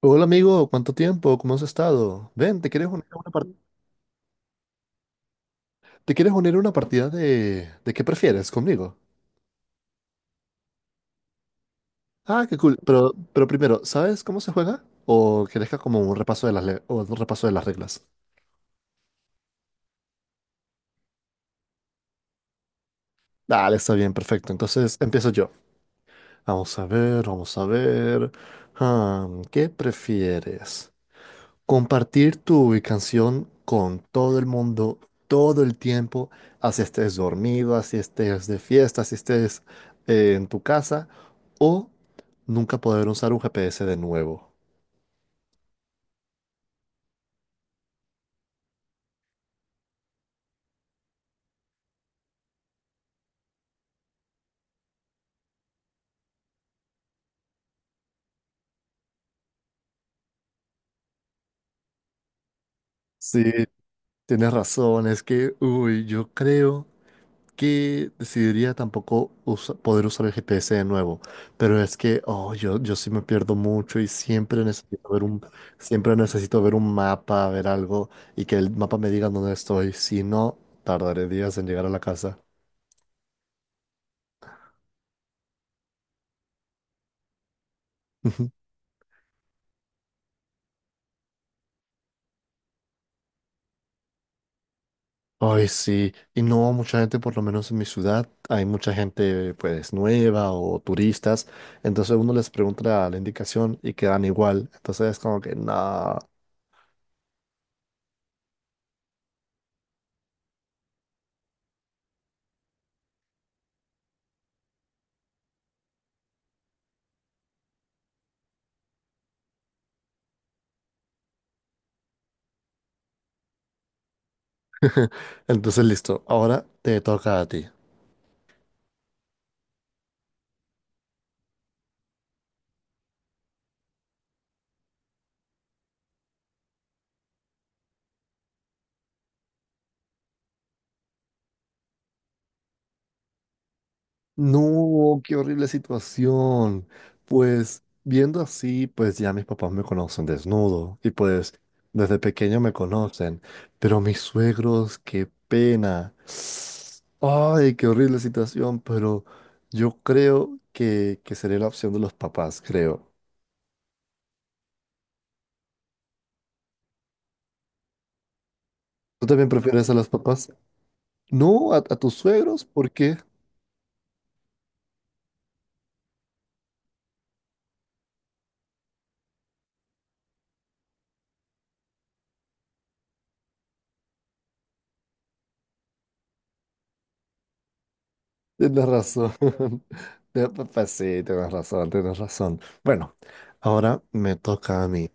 Hola amigo, ¿cuánto tiempo? ¿Cómo has estado? Ven, ¿te quieres unir a una partida? ¿Te quieres unir a una partida de qué prefieres conmigo? Ah, qué cool. Pero primero, ¿sabes cómo se juega? ¿O quieres que haga como un repaso de o un repaso de las reglas? Dale, está bien, perfecto. Entonces empiezo yo. Vamos a ver, vamos a ver. Ah, ¿qué prefieres? Compartir tu canción con todo el mundo, todo el tiempo, así estés dormido, así estés de fiesta, así estés en tu casa, o nunca poder usar un GPS de nuevo. Sí, tienes razón, es que, uy, yo creo que decidiría tampoco usa- poder usar el GPS de nuevo, pero es que yo sí me pierdo mucho y siempre necesito ver siempre necesito ver un mapa, ver algo y que el mapa me diga dónde estoy, si no, tardaré días en llegar a la casa. Ay, sí, y no mucha gente, por lo menos en mi ciudad, hay mucha gente pues nueva o turistas, entonces uno les pregunta la indicación y quedan igual, entonces es como que no. Entonces listo, ahora te toca a ti. No, qué horrible situación. Pues viendo así, pues ya mis papás me conocen desnudo y pues desde pequeño me conocen, pero mis suegros, qué pena. Ay, qué horrible situación, pero yo creo que sería la opción de los papás, creo. ¿Tú también prefieres a los papás? No, a tus suegros, ¿por qué? Tienes razón. Pues sí, tienes razón, tienes razón. Bueno, ahora me toca a mí.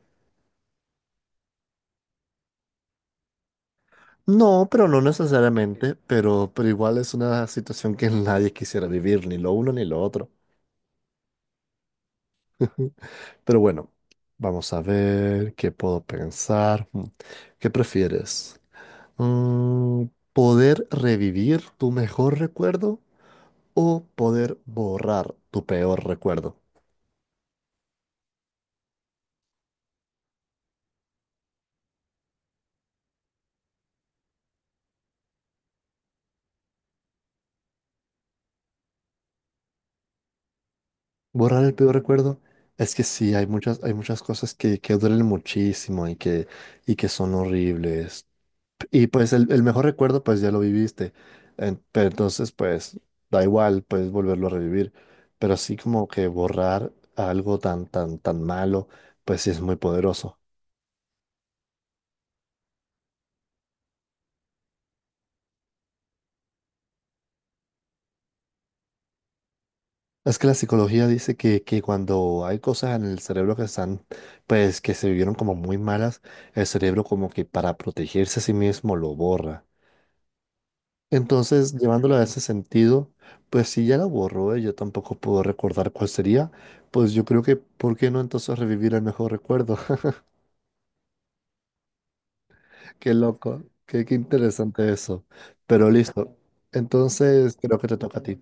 No, pero no necesariamente, pero igual es una situación que nadie quisiera vivir, ni lo uno ni lo otro. Pero bueno, vamos a ver qué puedo pensar. ¿Qué prefieres? Mm, ¿Poder revivir tu mejor recuerdo o poder borrar tu peor recuerdo? Borrar el peor recuerdo es que sí, hay muchas cosas que duelen muchísimo y que son horribles. Y pues el mejor recuerdo, pues ya lo viviste. Pero entonces, pues da igual, puedes volverlo a revivir. Pero así como que borrar algo tan, tan, tan malo, pues sí es muy poderoso. Es que la psicología dice que cuando hay cosas en el cerebro que están, pues que se vivieron como muy malas, el cerebro como que para protegerse a sí mismo lo borra. Entonces, llevándolo a ese sentido, pues si ya la borró, yo tampoco puedo recordar cuál sería, pues yo creo que, ¿por qué no entonces revivir el mejor recuerdo? Qué loco, qué interesante eso. Pero listo, entonces creo que te toca a ti.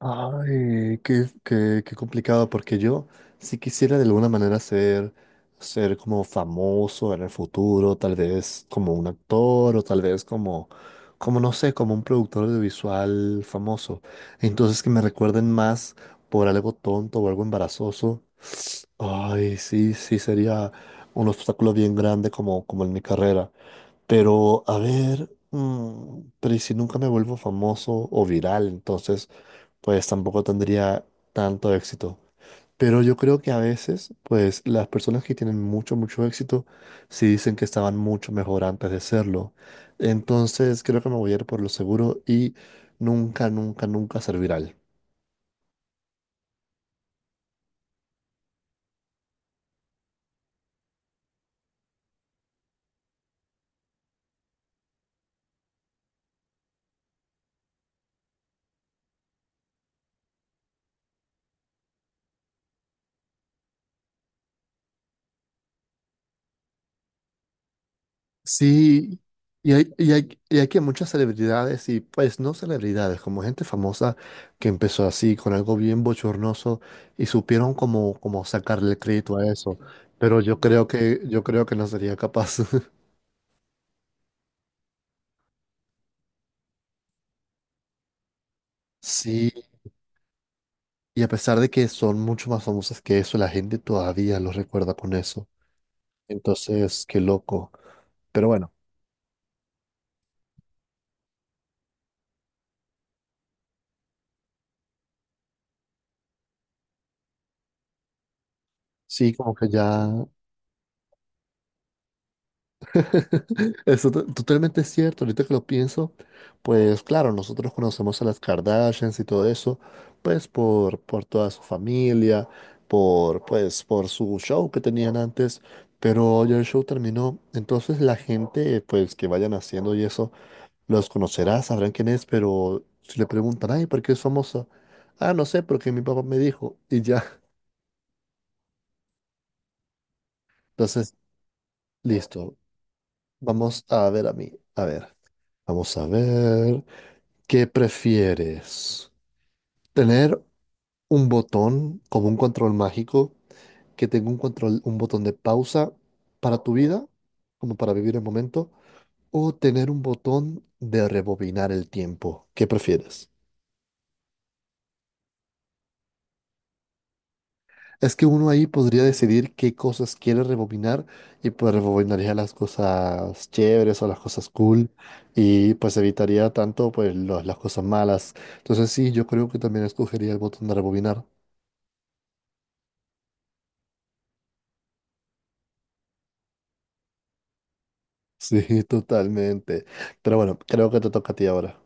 Ay, qué complicado, porque yo si quisiera de alguna manera ser como famoso en el futuro, tal vez como un actor o tal vez como no sé, como un productor audiovisual famoso. Entonces que me recuerden más por algo tonto o algo embarazoso. Ay, sí, sí, sería un obstáculo bien grande como, como en mi carrera. Pero, a ver, pero ¿y si nunca me vuelvo famoso o viral? Entonces pues tampoco tendría tanto éxito. Pero yo creo que a veces, pues las personas que tienen mucho, mucho éxito, sí dicen que estaban mucho mejor antes de serlo. Entonces creo que me voy a ir por lo seguro y nunca, nunca, nunca ser viral. Sí, y hay que muchas celebridades y pues no celebridades, como gente famosa que empezó así, con algo bien bochornoso y supieron como, como sacarle crédito a eso. Pero yo creo que no sería capaz. Sí, y a pesar de que son mucho más famosas que eso, la gente todavía los recuerda con eso. Entonces, qué loco. Pero bueno, sí, como que ya... totalmente es cierto, ahorita que lo pienso, pues claro, nosotros conocemos a las Kardashians y todo eso, pues por toda su familia, por, pues, por su show que tenían antes, pero ya el show terminó, entonces la gente, pues que vayan haciendo y eso. Los conocerás, sabrán quién es, pero si le preguntan, ay, ¿por qué es famoso? Ah, no sé, porque mi papá me dijo y ya. Entonces, listo. Vamos a ver a mí. A ver, vamos a ver. ¿Qué prefieres? ¿Tener un botón como un control mágico que tenga un control, un botón de pausa para tu vida, como para vivir el momento? ¿O tener un botón de rebobinar el tiempo? ¿Qué prefieres? Es que uno ahí podría decidir qué cosas quiere rebobinar y pues rebobinaría las cosas chéveres o las cosas cool y pues evitaría tanto las cosas malas. Entonces sí, yo creo que también escogería el botón de rebobinar. Sí, totalmente. Pero bueno, creo que te toca a ti ahora.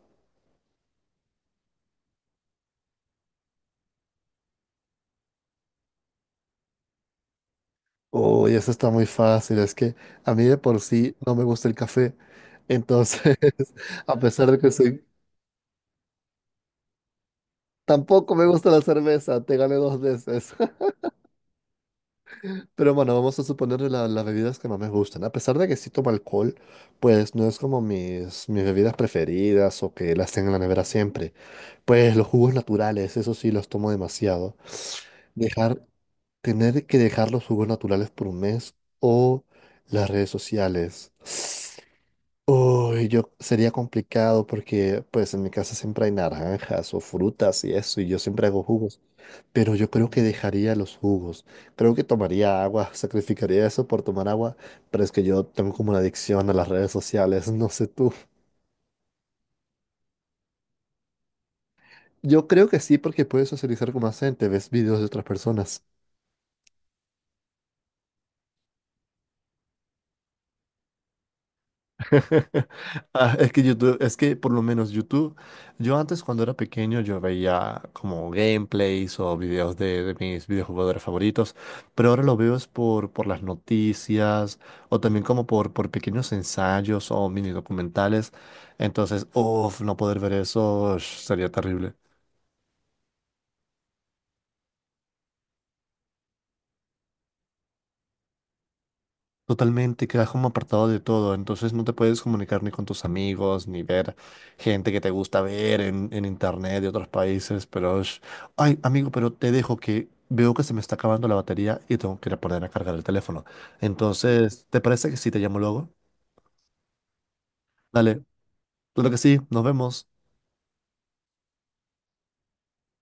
Uy, eso está muy fácil. Es que a mí de por sí no me gusta el café. Entonces, a pesar de que soy... Tampoco me gusta la cerveza. Te gané dos veces. Pero bueno, vamos a suponer las bebidas que más me gustan. A pesar de que sí tomo alcohol, pues no es como mis bebidas preferidas o que las tengo en la nevera siempre. Pues los jugos naturales, eso sí los tomo demasiado. Dejar, Tener que dejar los jugos naturales por un mes o las redes sociales. Uy, yo sería complicado porque pues en mi casa siempre hay naranjas o frutas y eso, y yo siempre hago jugos, pero yo creo que dejaría los jugos. Creo que tomaría agua, sacrificaría eso por tomar agua, pero es que yo tengo como una adicción a las redes sociales, no sé tú. Yo creo que sí porque puedes socializar con más gente, ves videos de otras personas. Ah, es que YouTube, es que por lo menos YouTube, yo antes cuando era pequeño yo veía como gameplays o videos de mis videojugadores favoritos, pero ahora lo veo es por las noticias o también como por pequeños ensayos o mini documentales. Entonces, uff, no poder ver eso ush, sería terrible. Totalmente, quedas como apartado de todo, entonces no te puedes comunicar ni con tus amigos, ni ver gente que te gusta ver en internet de otros países, pero... es- Ay, amigo, pero te dejo que veo que se me está acabando la batería y tengo que ir a poner a cargar el teléfono. Entonces, ¿te parece que sí te llamo luego? Dale, claro que sí, nos vemos.